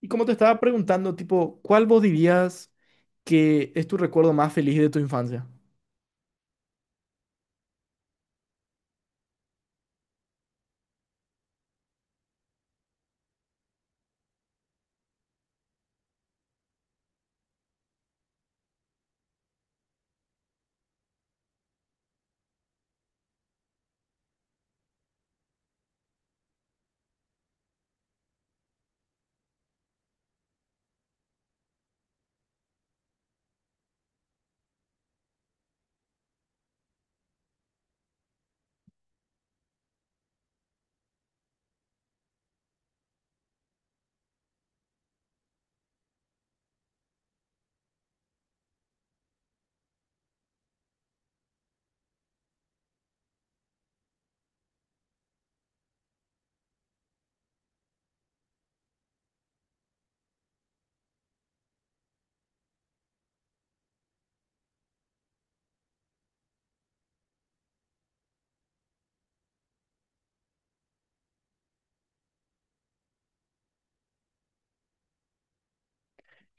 Y como te estaba preguntando, tipo, ¿cuál vos dirías que es tu recuerdo más feliz de tu infancia?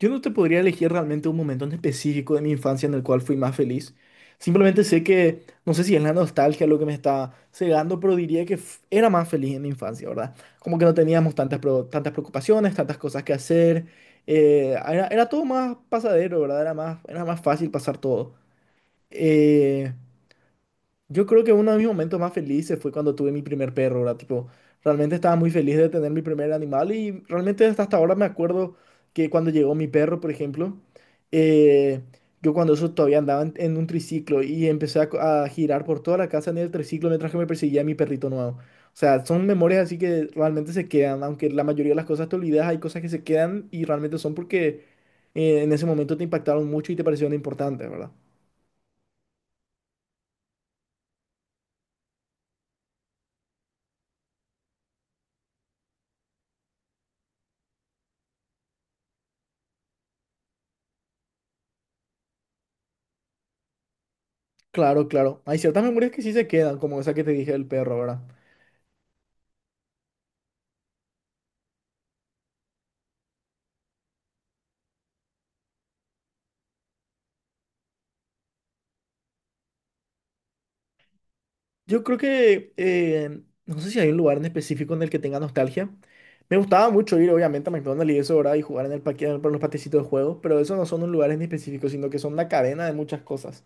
Yo no te podría elegir realmente un momento en específico de mi infancia en el cual fui más feliz. Simplemente sé que, no sé si es la nostalgia lo que me está cegando, pero diría que era más feliz en mi infancia, ¿verdad? Como que no teníamos tantas, tantas preocupaciones, tantas cosas que hacer. Era todo más pasadero, ¿verdad? Era más fácil pasar todo. Eh, Yo creo que uno de mis momentos más felices fue cuando tuve mi primer perro, ¿verdad? Tipo, realmente estaba muy feliz de tener mi primer animal y realmente hasta ahora me acuerdo que cuando llegó mi perro, por ejemplo, eh, yo cuando eso todavía andaba en un triciclo y empecé a girar por toda la casa en el triciclo mientras que me perseguía mi perrito nuevo. O sea, son memorias así que realmente se quedan, aunque la mayoría de las cosas te olvidas, hay cosas que se quedan y realmente son porque en ese momento te impactaron mucho y te parecieron importantes, ¿verdad? Claro, claro. Hay ciertas memorias que sí se quedan, como esa que te dije del perro, ¿verdad? Yo creo que, no sé si hay un lugar en específico en el que tenga nostalgia. Me gustaba mucho ir, obviamente, a McDonald's y eso, ¿verdad? Y jugar en el parque, por los patecitos de juegos, pero esos no son un lugar en específico, sino que son una cadena de muchas cosas,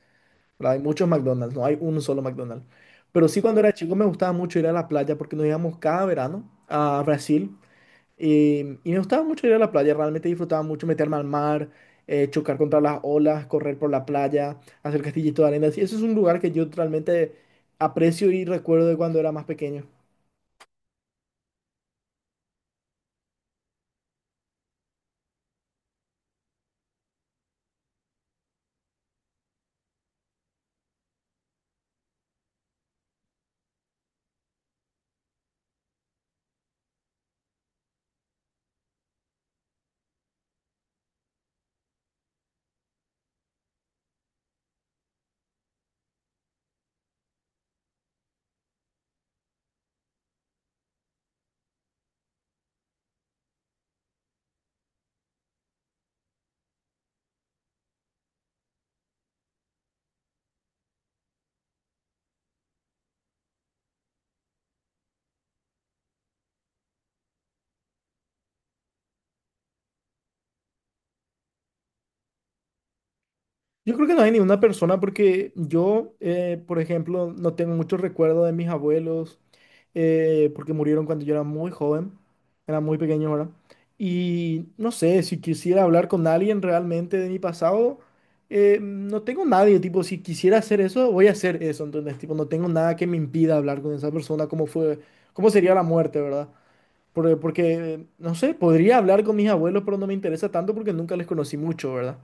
¿verdad? Hay muchos McDonald's, no hay un solo McDonald's. Pero sí, cuando era chico me gustaba mucho ir a la playa porque nos íbamos cada verano a Brasil. Y, y me gustaba mucho ir a la playa, realmente disfrutaba mucho meterme al mar, chocar contra las olas, correr por la playa, hacer castillitos de arena. Sí, eso es un lugar que yo realmente aprecio y recuerdo de cuando era más pequeño. Yo creo que no hay ninguna persona porque yo, por ejemplo, no tengo mucho recuerdo de mis abuelos, porque murieron cuando yo era muy joven, era muy pequeño ahora. Y no sé, si quisiera hablar con alguien realmente de mi pasado, no tengo nadie, tipo, si quisiera hacer eso, voy a hacer eso, entonces, tipo, no tengo nada que me impida hablar con esa persona, cómo fue, cómo sería la muerte, ¿verdad? Porque, no sé, podría hablar con mis abuelos, pero no me interesa tanto porque nunca les conocí mucho, ¿verdad?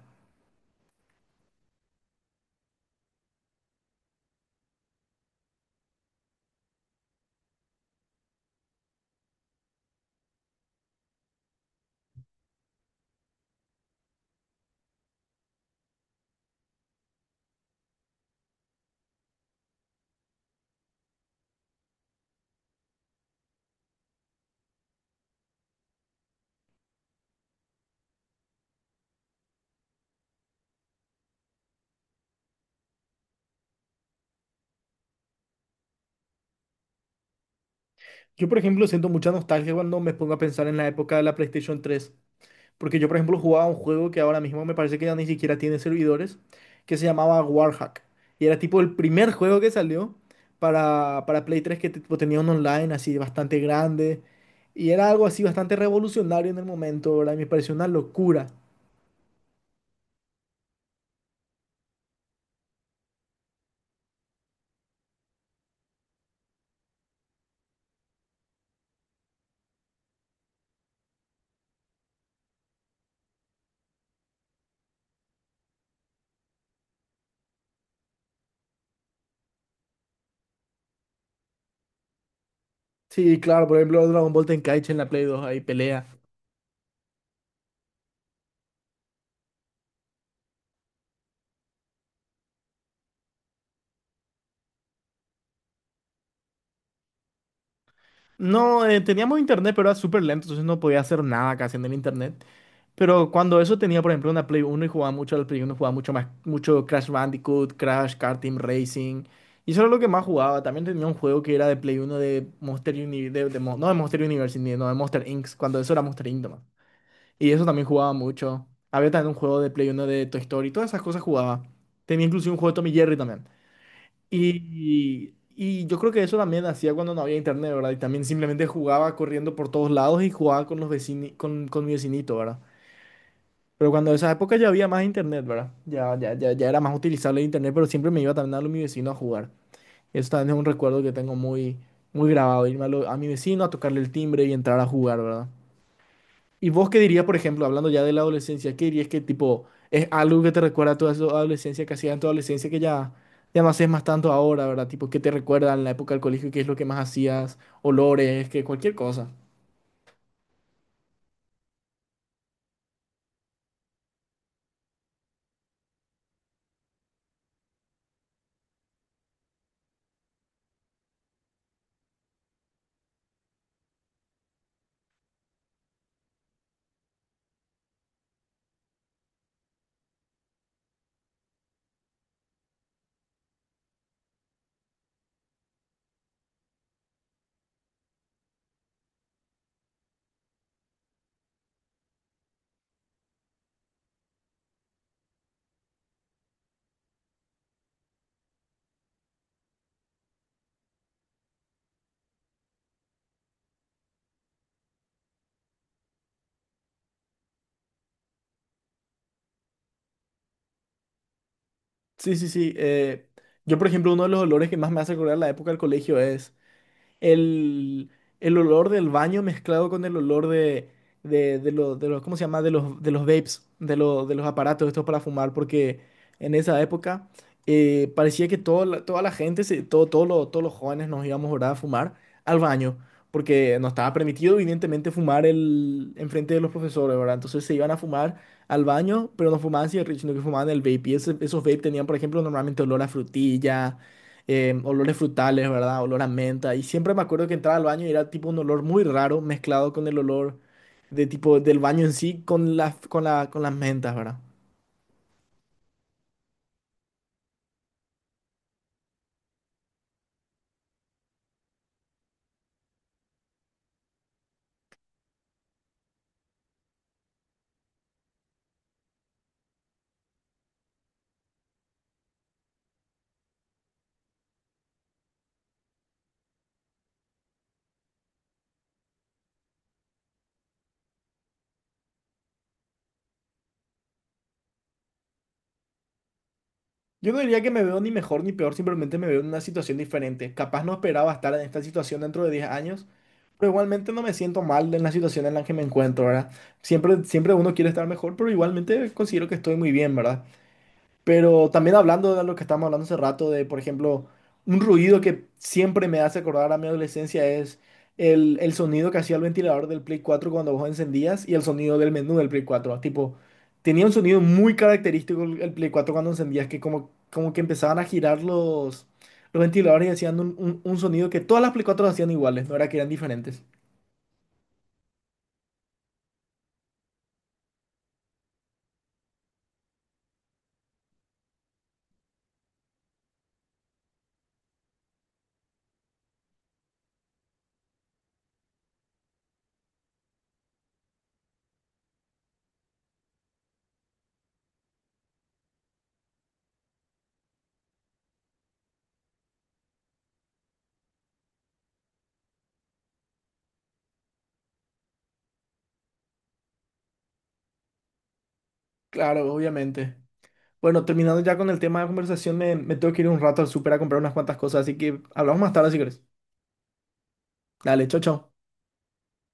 Yo, por ejemplo, siento mucha nostalgia cuando me pongo a pensar en la época de la PlayStation 3, porque yo, por ejemplo, jugaba un juego que ahora mismo me parece que ya ni siquiera tiene servidores, que se llamaba Warhack, y era tipo el primer juego que salió para Play 3, que tipo, tenía un online así bastante grande, y era algo así bastante revolucionario en el momento, ¿verdad? Y me pareció una locura. Sí, claro, por ejemplo, Dragon Ball Tenkaichi en la Play 2, ahí pelea. No, teníamos internet, pero era súper lento, entonces no podía hacer nada casi en el internet. Pero cuando eso tenía, por ejemplo, una Play 1, y jugaba mucho al Play 1, jugaba mucho más, mucho Crash Bandicoot, Crash, Car Team Racing. Y eso era lo que más jugaba. También tenía un juego que era de Play 1 de Monster Uni, no de Monster University, no de Monster Inc. Cuando eso era Monster Inc. nomás. Y eso también jugaba mucho. Había también un juego de Play 1 de Toy Story, todas esas cosas jugaba. Tenía incluso un juego de Tommy Jerry también. Y yo creo que eso también hacía cuando no había internet, ¿verdad? Y también simplemente jugaba corriendo por todos lados y jugaba con los con mi vecinito, ¿verdad? Pero cuando en esa época ya había más internet, ¿verdad? Ya era más utilizable el internet, pero siempre me iba también a lo de mi vecino a jugar. Eso también es un recuerdo que tengo muy, muy grabado, irme a mi vecino a tocarle el timbre y entrar a jugar, ¿verdad? ¿Y vos qué dirías, por ejemplo, hablando ya de la adolescencia, qué dirías que tipo es algo que te recuerda a toda tu adolescencia, que hacías en tu adolescencia, que ya no haces más tanto ahora, ¿verdad? Tipo, ¿qué te recuerda en la época del colegio? ¿Qué es lo que más hacías? Olores, que cualquier cosa. Sí, sí, sí. Yo, por ejemplo, uno de los olores que más me hace recordar la época del colegio es el, el olor del baño mezclado con el olor de los, ¿cómo se llama? De los vapes, de los aparatos estos para fumar, porque en esa época parecía que toda la gente, se, todo, todos los jóvenes nos íbamos, ¿verdad?, a fumar al baño, porque no estaba permitido, evidentemente, fumar enfrente de los profesores, ¿verdad? Entonces se iban a fumar al baño, pero no fumaban cigarrillos, sino que fumaban el vape. Y esos vape tenían, por ejemplo, normalmente olor a frutilla, olores frutales, ¿verdad? Olor a menta. Y siempre me acuerdo que entraba al baño y era tipo un olor muy raro mezclado con el olor de tipo del baño en sí con las mentas, ¿verdad? Yo no diría que me veo ni mejor ni peor, simplemente me veo en una situación diferente. Capaz no esperaba estar en esta situación dentro de 10 años, pero igualmente no me siento mal en la situación en la que me encuentro, ¿verdad? Siempre uno quiere estar mejor, pero igualmente considero que estoy muy bien, ¿verdad? Pero también hablando de lo que estábamos hablando hace rato, de por ejemplo, un ruido que siempre me hace acordar a mi adolescencia es el sonido que hacía el ventilador del Play 4 cuando vos encendías y el sonido del menú del Play 4. Tipo, tenía un sonido muy característico el Play 4 cuando encendías, que como que empezaban a girar los ventiladores y hacían un sonido que todas las Play 4 hacían iguales, no era que eran diferentes. Claro, obviamente. Bueno, terminando ya con el tema de conversación, me tengo que ir un rato al súper a comprar unas cuantas cosas, así que hablamos más tarde si querés. Dale, chao, chao.